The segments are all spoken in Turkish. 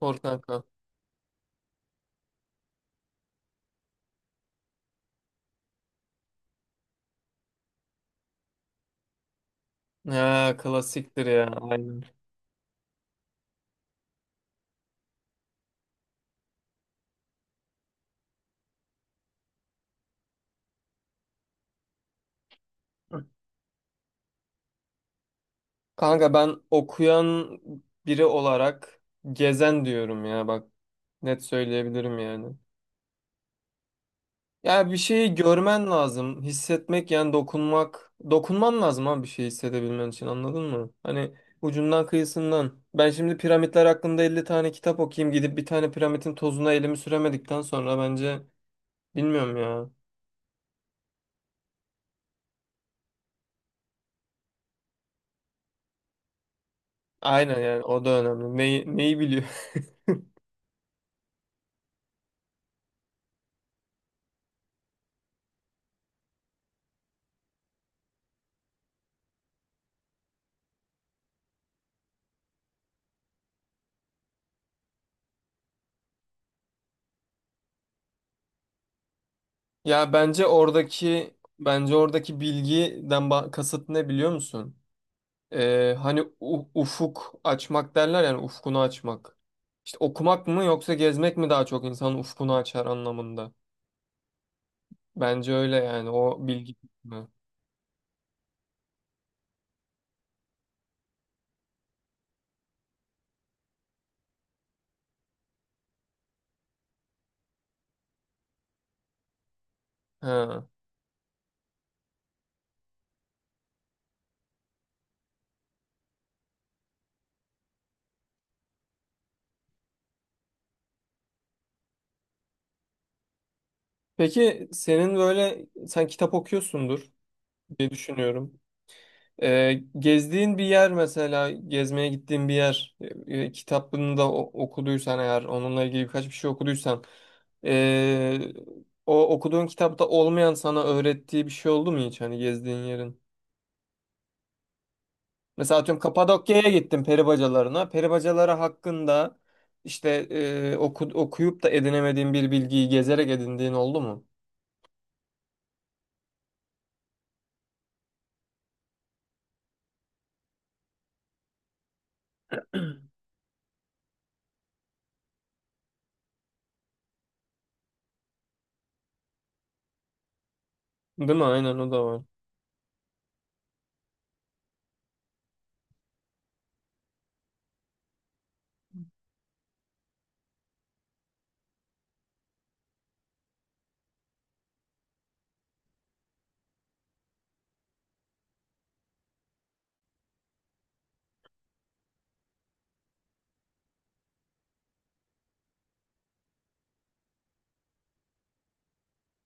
Sor kanka. Ha, klasiktir ya. Aynen. Kanka ben okuyan biri olarak gezen diyorum ya, bak, net söyleyebilirim yani. Ya bir şeyi görmen lazım, hissetmek yani dokunmak. Dokunman lazım abi bir şey hissedebilmen için, anladın mı? Hani ucundan kıyısından. Ben şimdi piramitler hakkında 50 tane kitap okuyayım, gidip bir tane piramitin tozuna elimi süremedikten sonra bence bilmiyorum ya. Aynen yani o da önemli. Neyi, neyi biliyor? Ya bence oradaki bilgiden kasıt ne, biliyor musun? Hani ufuk açmak derler yani ufkunu açmak. İşte okumak mı yoksa gezmek mi daha çok insanın ufkunu açar anlamında. Bence öyle yani o bilgi. Mi? Ha. Peki senin böyle, sen kitap okuyorsundur diye düşünüyorum. Gezdiğin bir yer, mesela gezmeye gittiğin bir yer, kitabını da okuduysan, eğer onunla ilgili birkaç bir şey okuduysan, ee, o okuduğun kitapta olmayan sana öğrettiği bir şey oldu mu hiç, hani gezdiğin yerin? Mesela atıyorum Kapadokya'ya gittim, peribacalarına. Peribacaları hakkında işte okuyup da edinemediğin bir bilgiyi gezerek edindiğin oldu mu? Değil mi? Aynen, o da var.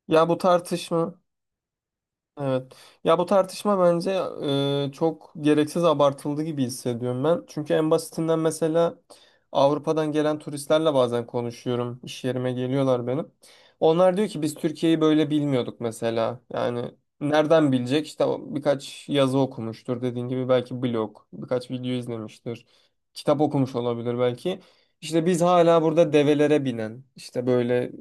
Ya bu tartışma. Evet. Ya bu tartışma bence çok gereksiz abartıldı gibi hissediyorum ben. Çünkü en basitinden mesela Avrupa'dan gelen turistlerle bazen konuşuyorum. İş yerime geliyorlar benim. Onlar diyor ki biz Türkiye'yi böyle bilmiyorduk mesela. Yani nereden bilecek? İşte o birkaç yazı okumuştur dediğin gibi, belki blog, birkaç video izlemiştir. Kitap okumuş olabilir belki. İşte biz hala burada develere binen, işte böyle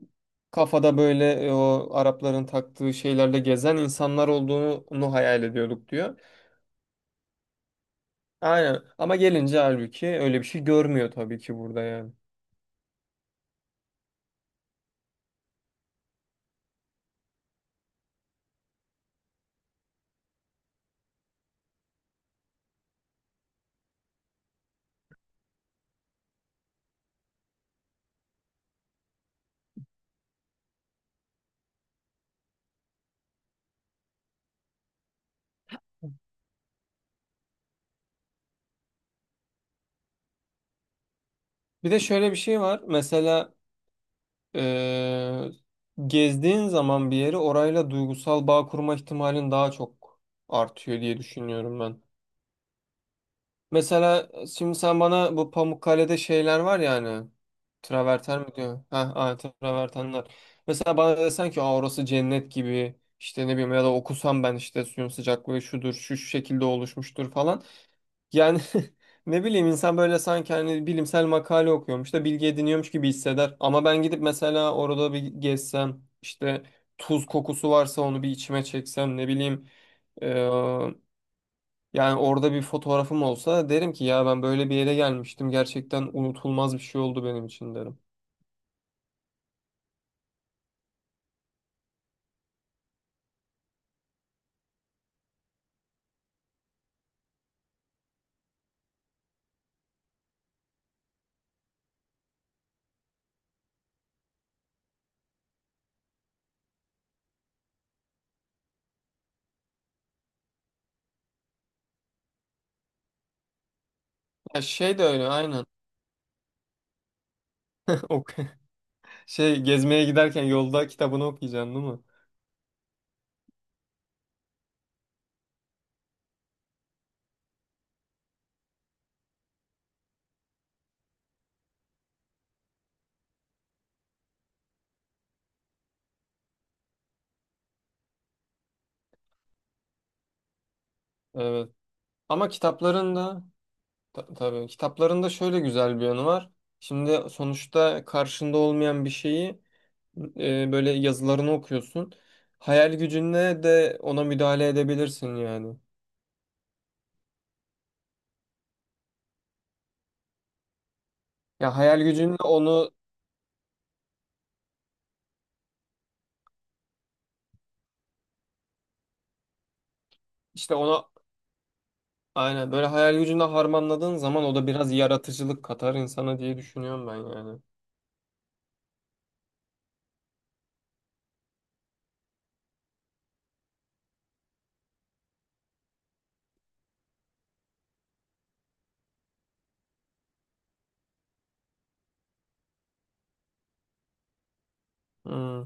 kafada, böyle o Arapların taktığı şeylerle gezen insanlar olduğunu hayal ediyorduk diyor. Aynen, ama gelince halbuki öyle bir şey görmüyor tabii ki burada yani. Bir de şöyle bir şey var mesela, e, gezdiğin zaman bir yeri, orayla duygusal bağ kurma ihtimalin daha çok artıyor diye düşünüyorum ben. Mesela şimdi sen bana bu Pamukkale'de şeyler var ya, hani traverten mi diyor? Ha, ha, travertenler. Mesela bana desen ki aa, orası cennet gibi işte, ne bileyim, ya da okusam ben işte suyun sıcaklığı şudur, şu şekilde oluşmuştur falan. Yani ne bileyim, insan böyle sanki hani bilimsel makale okuyormuş da bilgi ediniyormuş gibi hisseder. Ama ben gidip mesela orada bir gezsem, işte tuz kokusu varsa onu bir içime çeksem, ne bileyim, yani orada bir fotoğrafım olsa, derim ki ya ben böyle bir yere gelmiştim. Gerçekten unutulmaz bir şey oldu benim için, derim. Ya şey de öyle, aynen. Ok. Şey, gezmeye giderken yolda kitabını okuyacaksın değil mi? Evet. Ama kitapların da tabii kitapların da şöyle güzel bir yanı var. Şimdi sonuçta karşında olmayan bir şeyi, böyle yazılarını okuyorsun. Hayal gücünle de ona müdahale edebilirsin yani. Ya hayal gücünle onu işte, ona aynen, böyle hayal gücünde harmanladığın zaman o da biraz yaratıcılık katar insana diye düşünüyorum ben yani. Hmm.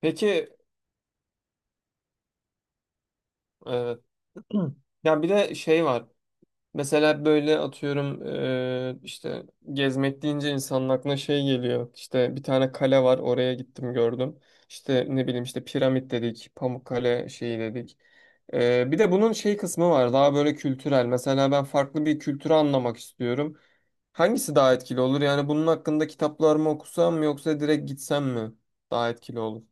Peki, evet. Ya bir de şey var. Mesela böyle atıyorum, işte gezmek deyince insanın aklına şey geliyor. İşte bir tane kale var, oraya gittim gördüm. İşte ne bileyim, işte piramit dedik, Pamukkale şeyi dedik. E, bir de bunun şey kısmı var, daha böyle kültürel. Mesela ben farklı bir kültürü anlamak istiyorum. Hangisi daha etkili olur? Yani bunun hakkında kitaplar mı okusam mı, yoksa direkt gitsem mi daha etkili olur?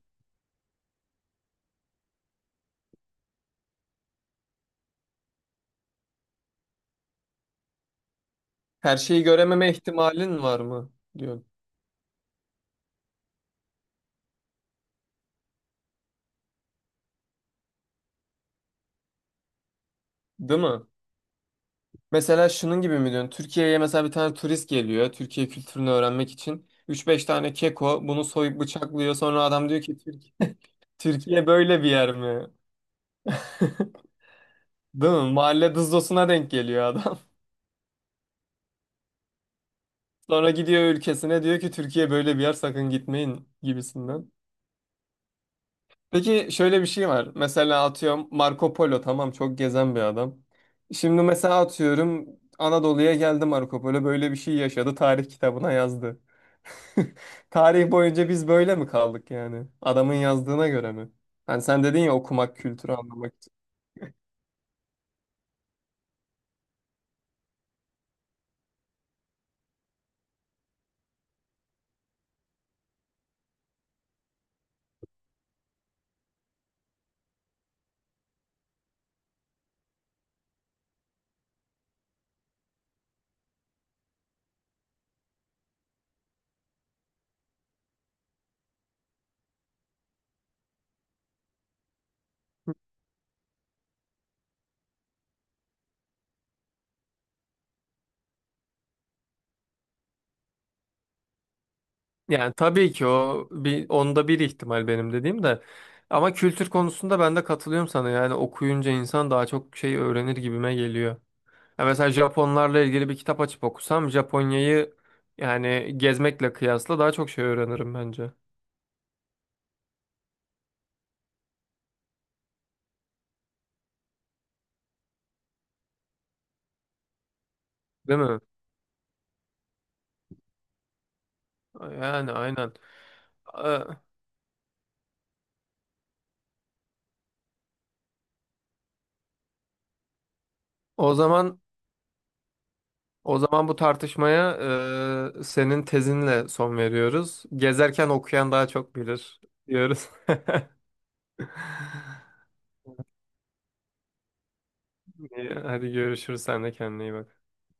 Her şeyi görememe ihtimalin var mı diyorsun. Değil mi? Mesela şunun gibi mi diyorsun? Türkiye'ye mesela bir tane turist geliyor. Türkiye kültürünü öğrenmek için. Üç beş tane keko bunu soyup bıçaklıyor. Sonra adam diyor ki Türk Türkiye böyle bir yer mi? Değil mi? Mahalle dızdosuna denk geliyor adam. Sonra gidiyor ülkesine, diyor ki Türkiye böyle bir yer, sakın gitmeyin gibisinden. Peki şöyle bir şey var. Mesela atıyorum Marco Polo, tamam, çok gezen bir adam. Şimdi mesela atıyorum Anadolu'ya geldi Marco Polo, böyle bir şey yaşadı, tarih kitabına yazdı. Tarih boyunca biz böyle mi kaldık yani? Adamın yazdığına göre mi? Hani sen dedin ya okumak kültürü anlamak için. Yani tabii ki o bir, onda bir ihtimal benim dediğim de. Ama kültür konusunda ben de katılıyorum sana. Yani okuyunca insan daha çok şey öğrenir gibime geliyor. Ya mesela Japonlarla ilgili bir kitap açıp okusam Japonya'yı, yani gezmekle kıyasla daha çok şey öğrenirim bence. Değil mi? Yani aynen. Ee, O zaman bu tartışmaya senin tezinle son veriyoruz. Gezerken okuyan daha çok bilir diyoruz. Hadi görüşürüz. Sen de kendine iyi bak.